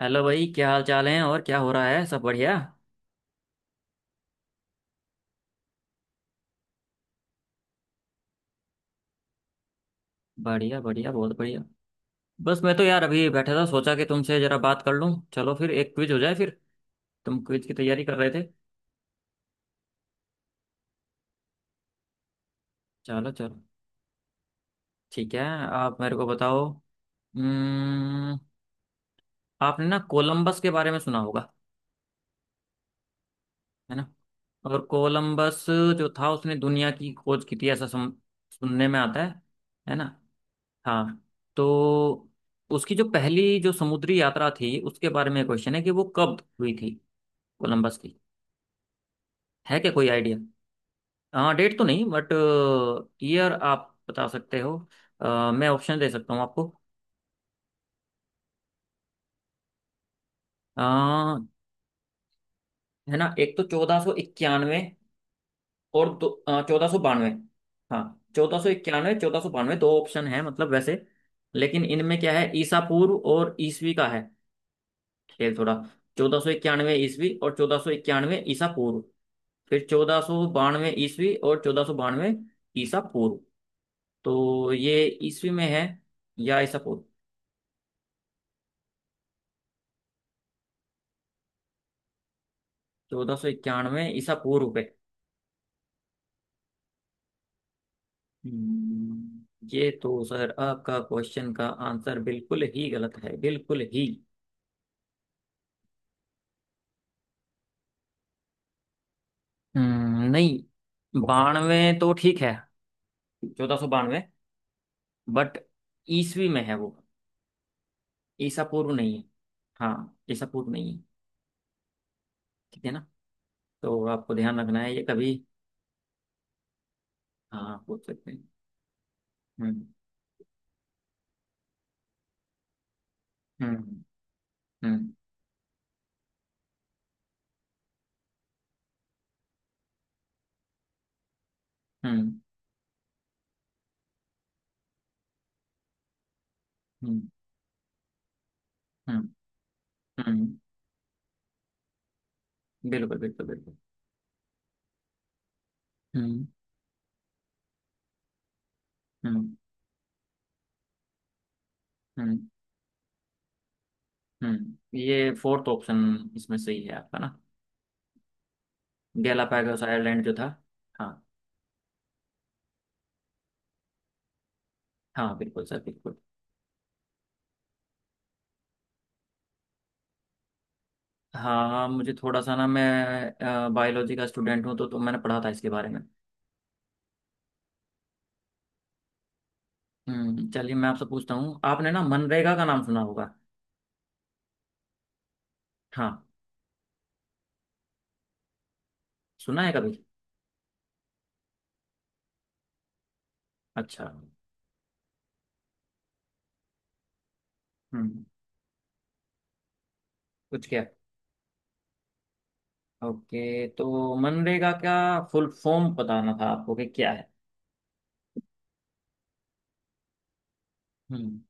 Hello भाई, क्या हाल चाल है? और क्या हो रहा है? सब बढ़िया? बढ़िया बढ़िया, बहुत बढ़िया। बस मैं तो यार अभी बैठा था, सोचा कि तुमसे जरा बात कर लूं। चलो फिर एक क्विज हो जाए फिर। तुम क्विज की तैयारी कर रहे थे। चलो चलो, ठीक है। आप मेरे को बताओ। हम्म। आपने ना कोलंबस के बारे में सुना होगा। है ना। और कोलंबस जो था, उसने दुनिया की खोज की थी ऐसा सुनने में आता है। है ना। हाँ। तो उसकी जो पहली जो समुद्री यात्रा थी, उसके बारे में क्वेश्चन है कि वो कब हुई थी, कोलंबस की। है क्या कोई आइडिया? हाँ, डेट तो नहीं, बट ईयर आप बता सकते हो। मैं ऑप्शन दे सकता हूँ आपको। अ, है ना, एक तो 1491। और दो, 1492। हाँ। 1491, 1492, दो ऑप्शन है मतलब वैसे। लेकिन इनमें क्या है, ईसा पूर्व और ईसवी का है खेल थोड़ा। 1491 ईसवी और 1491 ईसा पूर्व, फिर 1492 ईस्वी और 1492 ईसा पूर्व। तो ये ईस्वी में है या ईसा पूर्व? 1491 ईसा पूर्व पे। ये तो सर आपका क्वेश्चन का आंसर बिल्कुल ही गलत है, बिल्कुल ही। नहीं। बानवे तो ठीक है, 1492। बट ईस्वी में है वो। ईसा पूर्व नहीं है। हाँ, ईसा पूर्व नहीं है। ठीक है ना। तो आपको ध्यान रखना है ये कभी। हाँ, पूछ सकते हैं। हम्म। हम्म। हम्म। हम्म। हम्म। हम्म। हम्म, बिल्कुल बिल्कुल बिल्कुल। हम्म। हम्म। हम्म। ये फोर्थ ऑप्शन इसमें सही है आपका ना। गैलापागोस आइलैंड जो था। हाँ। हाँ बिल्कुल सर, बिल्कुल। हाँ, मुझे थोड़ा सा ना, मैं बायोलॉजी का स्टूडेंट हूँ तो मैंने पढ़ा था इसके बारे में। चलिए, मैं आपसे पूछता हूँ, आपने ना मनरेगा का नाम सुना होगा। हाँ। सुना है कभी? अच्छा। हम्म। कुछ क्या? ओके, तो मनरेगा का फुल फॉर्म बताना था आपको कि क्या है। हम्म।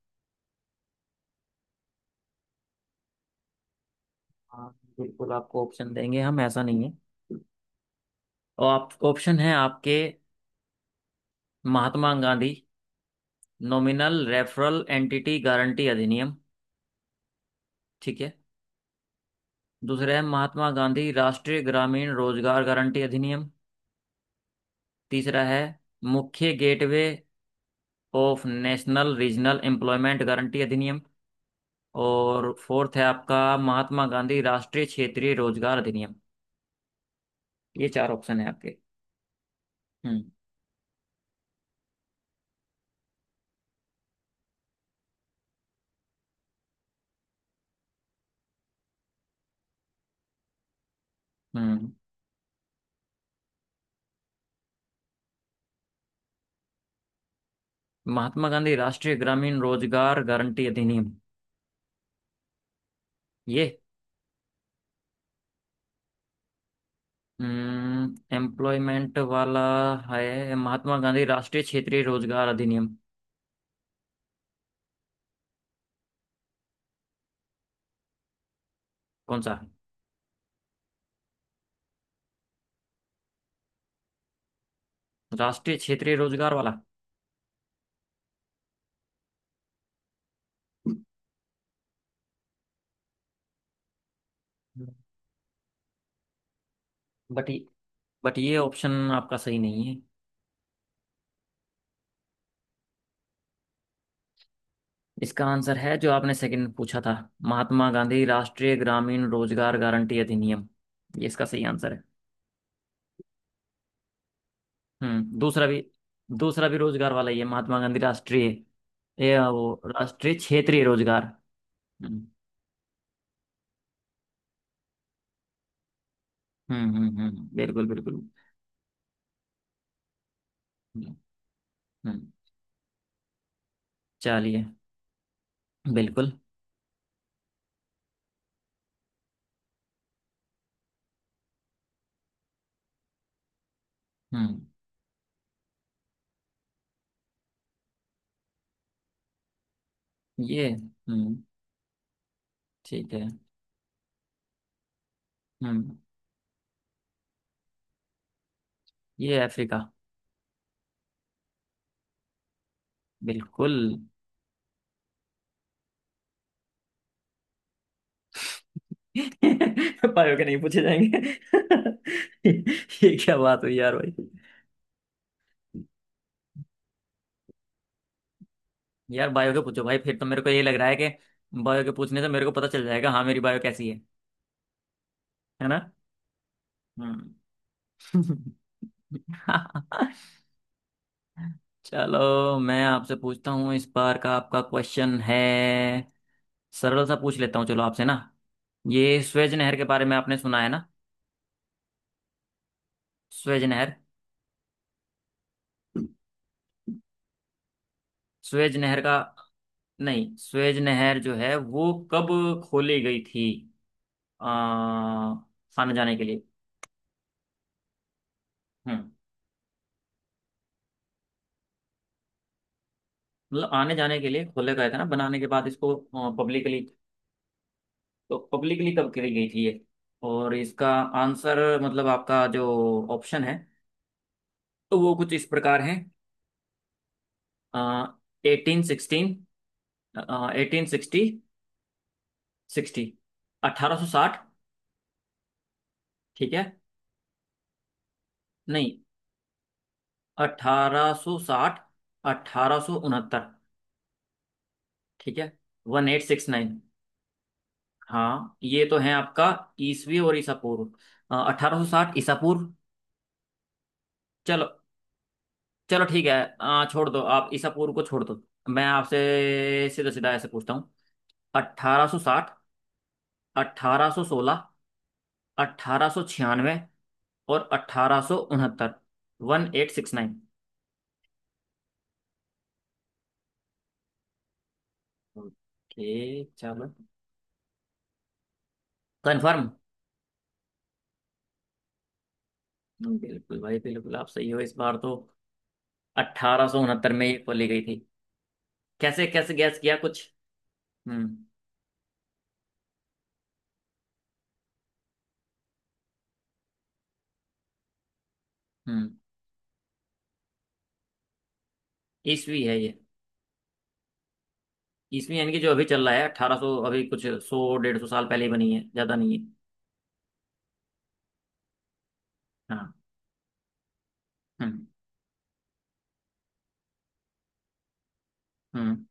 हाँ बिल्कुल, आपको ऑप्शन देंगे हम, ऐसा नहीं है। और आप, ऑप्शन है आपके। Mahatma Gandhi nominal referral entity guarantee अधिनियम। ठीक है। दूसरा है, महात्मा गांधी राष्ट्रीय ग्रामीण रोजगार गारंटी अधिनियम। तीसरा है, मुख्य gateway of national regional employment guarantee अधिनियम। और फोर्थ है आपका, महात्मा गांधी राष्ट्रीय क्षेत्रीय रोजगार अधिनियम। ये चार ऑप्शन है आपके। हम्म। हम्म महात्मा गांधी राष्ट्रीय ग्रामीण रोजगार गारंटी अधिनियम, ये। एम्प्लॉयमेंट वाला है, महात्मा गांधी राष्ट्रीय क्षेत्रीय रोजगार अधिनियम। कौन सा है? राष्ट्रीय क्षेत्रीय रोजगार वाला। बट ये बट ये ऑप्शन आपका सही नहीं है। इसका आंसर है जो आपने सेकंड पूछा था, महात्मा गांधी राष्ट्रीय ग्रामीण रोजगार गारंटी अधिनियम, ये इसका सही आंसर है। हम्म, दूसरा भी, दूसरा भी रोजगार वाला ही है, महात्मा गांधी राष्ट्रीय। ये वो, राष्ट्रीय क्षेत्रीय रोजगार। हम्म। हम्म। हम्म। बिल्कुल बिल्कुल। हम्म। हम्म, चलिए। बिल्कुल। हम्म। ये। हम्म। ठीक है। हम्म। ये अफ्रीका। बिल्कुल। बायो के नहीं पूछे जाएंगे ये क्या बात हुई यार भाई। यार बायो के पूछो भाई, फिर तो मेरे को ये लग रहा है कि बायो के पूछने से मेरे को पता चल जाएगा, हाँ, मेरी बायो कैसी है। है ना। हम्म। चलो, मैं आपसे पूछता हूँ, इस बार का आपका क्वेश्चन है, सरल सा पूछ लेता हूँ चलो आपसे ना। ये स्वेज नहर के बारे में आपने सुना है ना। स्वेज नहर। स्वेज नहर का नहीं, स्वेज नहर जो है वो कब खोली गई थी? आ, आने जाने के लिए। हम्म। मतलब आने जाने के लिए खोले गए थे ना बनाने के बाद इसको, पब्लिकली। तो पब्लिकली कब करी गई थी ये? और इसका आंसर मतलब आपका जो ऑप्शन है, तो वो कुछ इस प्रकार है। 1816, 1860, सिक्सटी, 1860। ठीक है। नहीं, 1860, 1869। ठीक है। 1869। हाँ, ये तो है आपका, ईसवी और ईसा पूर्व। 1860 ईसा पूर्व। चलो चलो, ठीक है। छोड़ दो आप, ईसा पूर्व को छोड़ दो। मैं आपसे सीधा सीधा ऐसे पूछता हूँ। 1860, 1816, 1896 और 1869। 1869। ओके चलो, कंफर्म। बिल्कुल भाई, बिल्कुल, आप सही हो इस बार तो। 1869 में ये खोली गई थी। कैसे कैसे गैस किया कुछ? हम्म। हम्म। ईस्वी है ये। ईस्वी यानी कि जो अभी चल रहा है, अठारह सौ, अभी कुछ सौ 150 साल पहले ही बनी है, ज्यादा नहीं है। हाँ। हम्म। हम्म।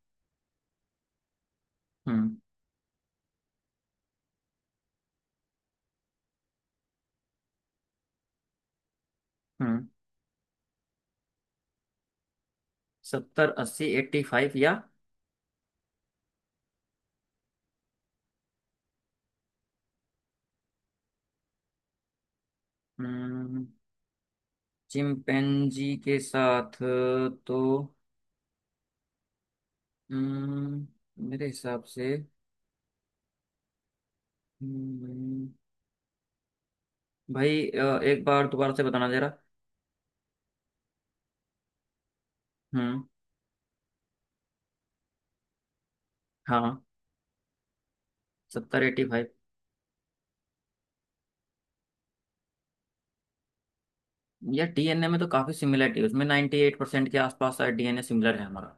हम्म। हम्म। सत्तर, अस्सी, एट्टी फाइव या। हम्म चिंपैंजी के साथ, तो। हम्म मेरे हिसाब से। हम्म, भाई एक बार दोबारा से बताना जरा। हम्म। हाँ। सत्तर, एट्टी फाइव। यार डीएनए में तो काफी सिमिलरिटी है उसमें, 98% के आसपास शायद डीएनए सिमिलर है हमारा।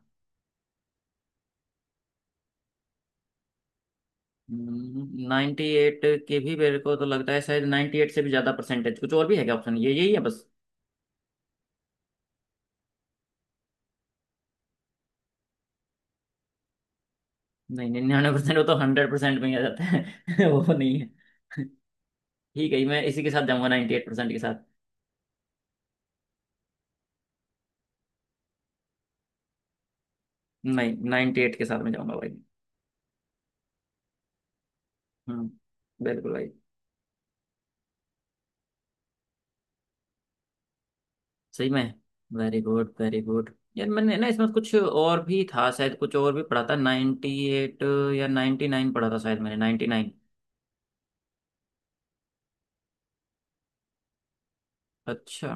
नाइन्टी एट के भी मेरे को तो लगता है, शायद नाइन्टी एट से भी ज्यादा परसेंटेज कुछ और भी है क्या ऑप्शन? ये यही है बस? नहीं, 99% वो तो 100% में ही आ जाता है वो नहीं है। ठीक है, मैं इसी के साथ जाऊंगा, 98% के साथ। नहीं, नाइन्टी एट के साथ में जाऊंगा भाई। हम्म। बिल्कुल भाई। सही में? वेरी गुड यार, मैंने ना इसमें कुछ और भी था शायद, कुछ और भी पढ़ा था, नाइन्टी एट या नाइन्टी नाइन पढ़ा था शायद मैंने, नाइन्टी नाइन। अच्छा।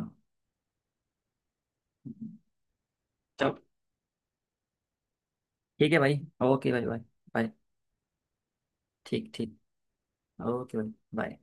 चलो ठीक है भाई। ओके भाई, बाय। बाय। ठीक ठीक। ओके। बाय।